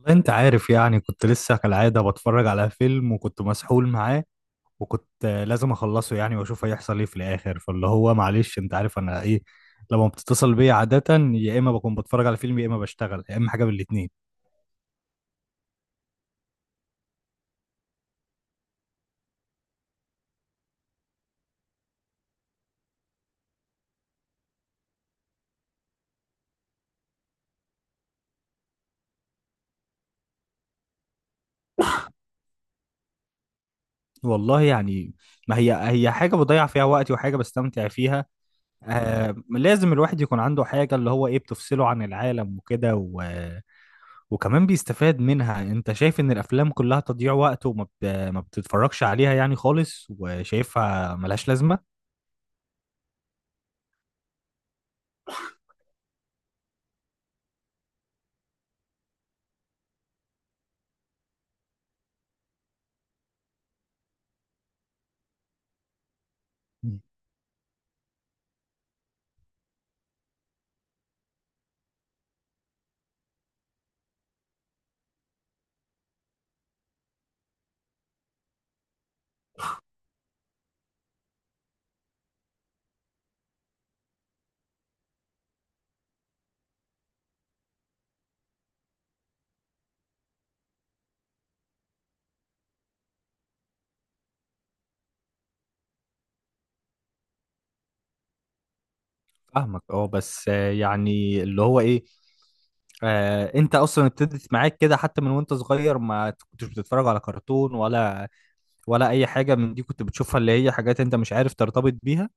والله انت عارف يعني كنت لسه كالعادة بتفرج على فيلم وكنت مسحول معاه. وكنت لازم اخلصه يعني واشوف هيحصل ايه في الاخر. فاللي هو معلش انت عارف انا ايه لما بتتصل بيا عادة، يا اما بكون بتفرج على فيلم يا اما بشتغل يا اما حاجة من الاتنين. والله يعني، ما هي حاجة بضيع فيها وقتي وحاجة بستمتع فيها. لازم الواحد يكون عنده حاجة اللي هو ايه بتفصله عن العالم وكده وكمان بيستفاد منها. انت شايف ان الافلام كلها تضييع وقت ما بتتفرجش عليها يعني خالص وشايفها ملهاش لازمة؟ مم. فاهمك اه، بس يعني اللي هو ايه. انت اصلا ابتدت معاك كده حتى من وانت صغير، ما كنتش بتتفرج على كرتون ولا اي حاجة من دي كنت بتشوفها، اللي هي حاجات انت مش عارف ترتبط بيها.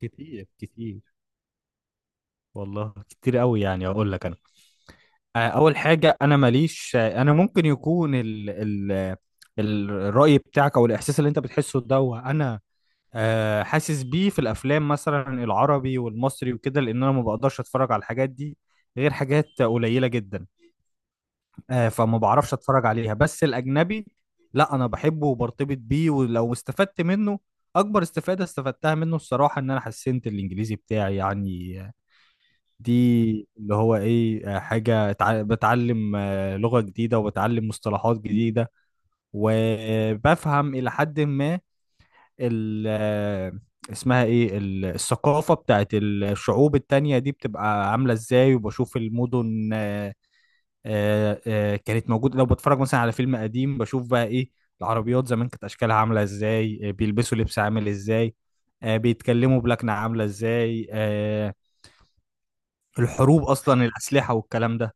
كتير كتير، والله كتير قوي. يعني اقول لك انا، اول حاجه انا ماليش. انا ممكن يكون ال الراي بتاعك او الاحساس اللي انت بتحسه ده، وانا حاسس بيه في الافلام مثلا العربي والمصري وكده، لان انا ما بقدرش اتفرج على الحاجات دي غير حاجات قليله جدا. فما بعرفش اتفرج عليها، بس الاجنبي لا انا بحبه وبرتبط بيه ولو استفدت منه. اكبر استفاده استفدتها منه الصراحه ان انا حسنت الانجليزي بتاعي يعني. دي اللي هو ايه، حاجة بتعلم لغة جديدة وبتعلم مصطلحات جديدة. وبفهم إلى حد ما ال اسمها ايه، الثقافة بتاعت الشعوب التانية دي بتبقى عاملة ازاي. وبشوف المدن، كانت موجودة. لو بتفرج مثلا على فيلم قديم بشوف بقى ايه، العربيات زمان كانت اشكالها عاملة ازاي، بيلبسوا لبس عامل ازاي، بيتكلموا بلكنة عاملة ازاي، الحروب اصلا، الاسلحة والكلام ده.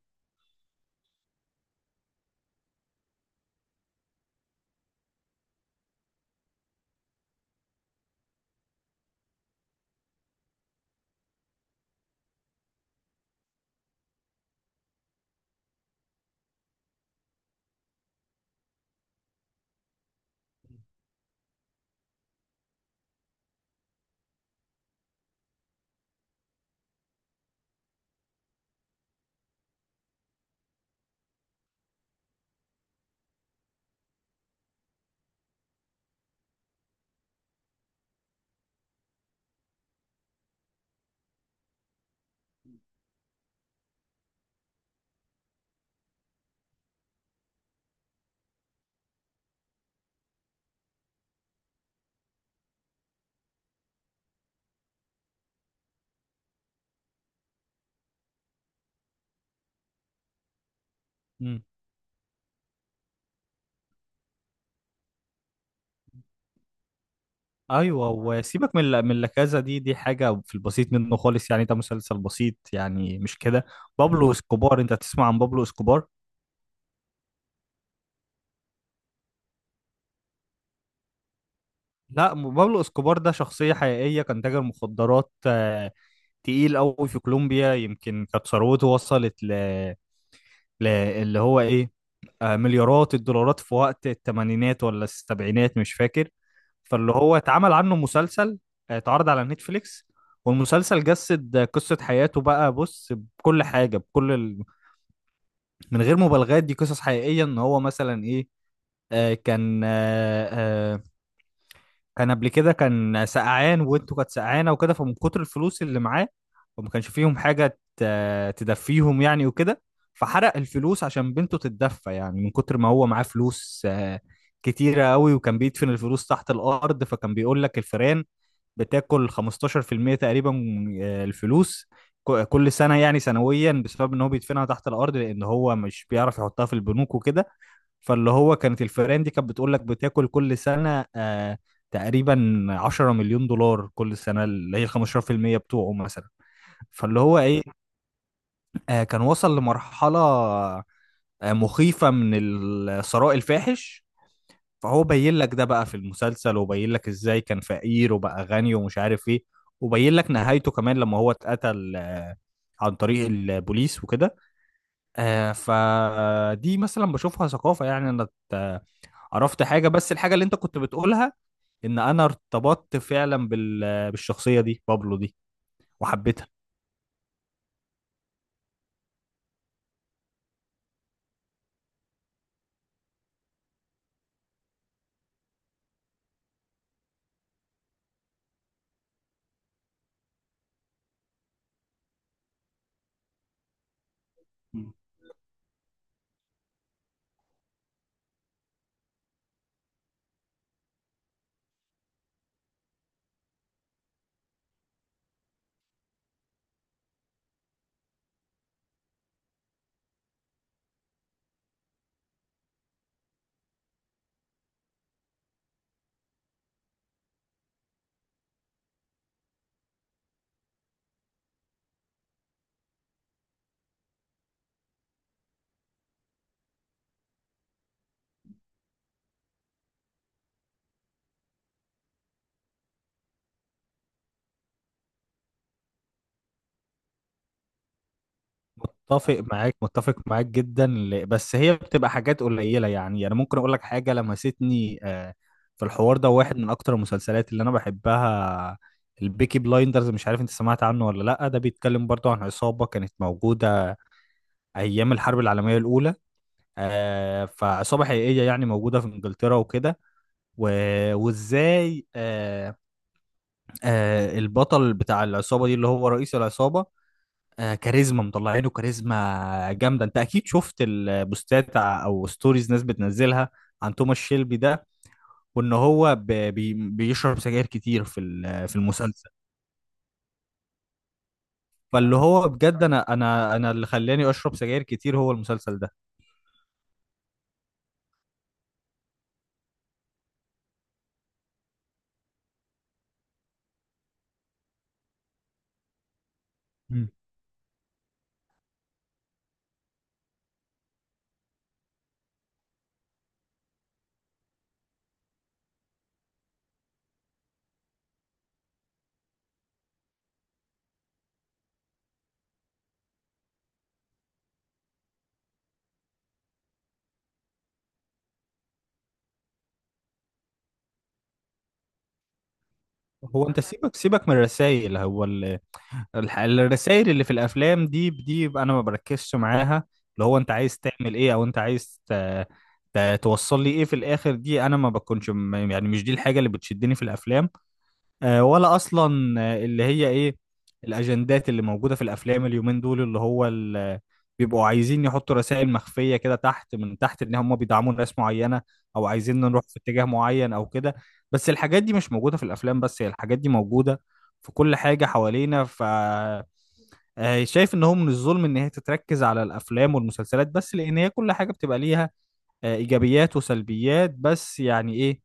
مم. ايوه، وسيبك من من لكازا دي، دي حاجه في البسيط منه خالص يعني. ده مسلسل بسيط يعني مش كده. بابلو اسكوبار، انت تسمع عن بابلو اسكوبار؟ لا، بابلو اسكوبار ده شخصيه حقيقيه، كان تاجر مخدرات تقيل قوي في كولومبيا. يمكن كانت ثروته وصلت اللي هو ايه، مليارات الدولارات في وقت الثمانينات ولا السبعينات مش فاكر. فاللي هو اتعمل عنه مسلسل، اتعرض على نتفليكس. والمسلسل جسد قصة حياته بقى. بص، بكل حاجة من غير مبالغات. دي قصص حقيقية، ان هو مثلا ايه، آه، كان آه، آه، كان قبل كده كان سقعان وانتوا كانت سقعانه وكده. فمن كتر الفلوس اللي معاه، وما كانش فيهم حاجه تدفيهم يعني وكده، فحرق الفلوس عشان بنته تتدفى يعني، من كتر ما هو معاه فلوس كتيره قوي. وكان بيدفن الفلوس تحت الارض. فكان بيقول لك الفئران بتاكل 15% تقريبا من الفلوس كل سنه، يعني سنويا، بسبب ان هو بيدفنها تحت الارض لان هو مش بيعرف يحطها في البنوك وكده. فاللي هو كانت الفئران دي كانت بتقول لك بتاكل كل سنة تقريبا 10 مليون دولار كل سنة، اللي هي 15% بتوعه مثلا. فاللي هو ايه، كان وصل لمرحلة مخيفة من الثراء الفاحش. فهو بين لك ده بقى في المسلسل، وبين لك ازاي كان فقير وبقى غني ومش عارف ايه. وبين لك نهايته كمان لما هو اتقتل عن طريق البوليس وكده. فدي مثلا بشوفها ثقافة يعني. انا ات- عرفت حاجة، بس الحاجة اللي انت كنت بتقولها، ان انا ارتبطت فعلا بالشخصية دي، بابلو دي، وحبيتها. متفق معاك متفق معاك جدا، بس هي بتبقى حاجات قليلة. يعني انا ممكن اقول لك حاجة لمستني في الحوار ده. واحد من اكتر المسلسلات اللي انا بحبها البيكي بلايندرز، مش عارف انت سمعت عنه ولا لا. ده بيتكلم برضو عن عصابة كانت موجودة ايام الحرب العالمية الاولى. فعصابة حقيقية يعني موجودة في انجلترا وكده و... وازاي البطل بتاع العصابة دي اللي هو رئيس العصابة، كاريزما، مطلعينه كاريزما جامدة. انت اكيد شفت البوستات او ستوريز ناس بتنزلها عن توماس شيلبي ده. وان هو بيشرب سجاير كتير في المسلسل. فاللي هو بجد انا انا اللي خلاني اشرب سجاير كتير هو المسلسل ده. مم. هو انت سيبك سيبك من الرسائل. هو الرسائل اللي في الافلام دي بقى انا ما بركزش معاها. اللي هو انت عايز تعمل ايه او انت عايز توصل لي ايه في الاخر. دي انا ما بكونش يعني مش دي الحاجه اللي بتشدني في الافلام، ولا اصلا اللي هي ايه الاجندات اللي موجوده في الافلام اليومين دول، اللي هو بيبقوا عايزين يحطوا رسائل مخفيه كده تحت من تحت، ان هم بيدعموا ناس معينه او عايزين نروح في اتجاه معين او كده. بس الحاجات دي مش موجوده في الافلام، بس هي الحاجات دي موجوده في كل حاجه حوالينا. ف شايف ان هو من الظلم ان هي تتركز على الافلام والمسلسلات بس، لان هي كل حاجه بتبقى ليها ايجابيات وسلبيات. بس يعني ايه،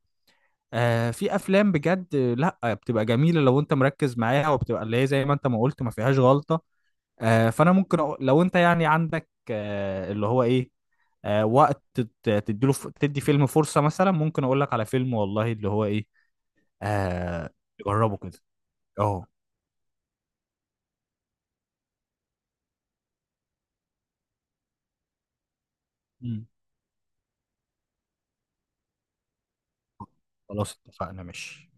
في افلام بجد، لا بتبقى جميله لو انت مركز معاها وبتبقى اللي هي زي ما انت ما قلت ما فيهاش غلطه. فانا ممكن أقول لو انت يعني عندك اللي هو ايه وقت تديله تدي فيلم فرصه، مثلا ممكن اقول لك على فيلم والله اللي هو ايه، آه جربه كده. اهو. مم. خلاص اتفقنا، ماشي.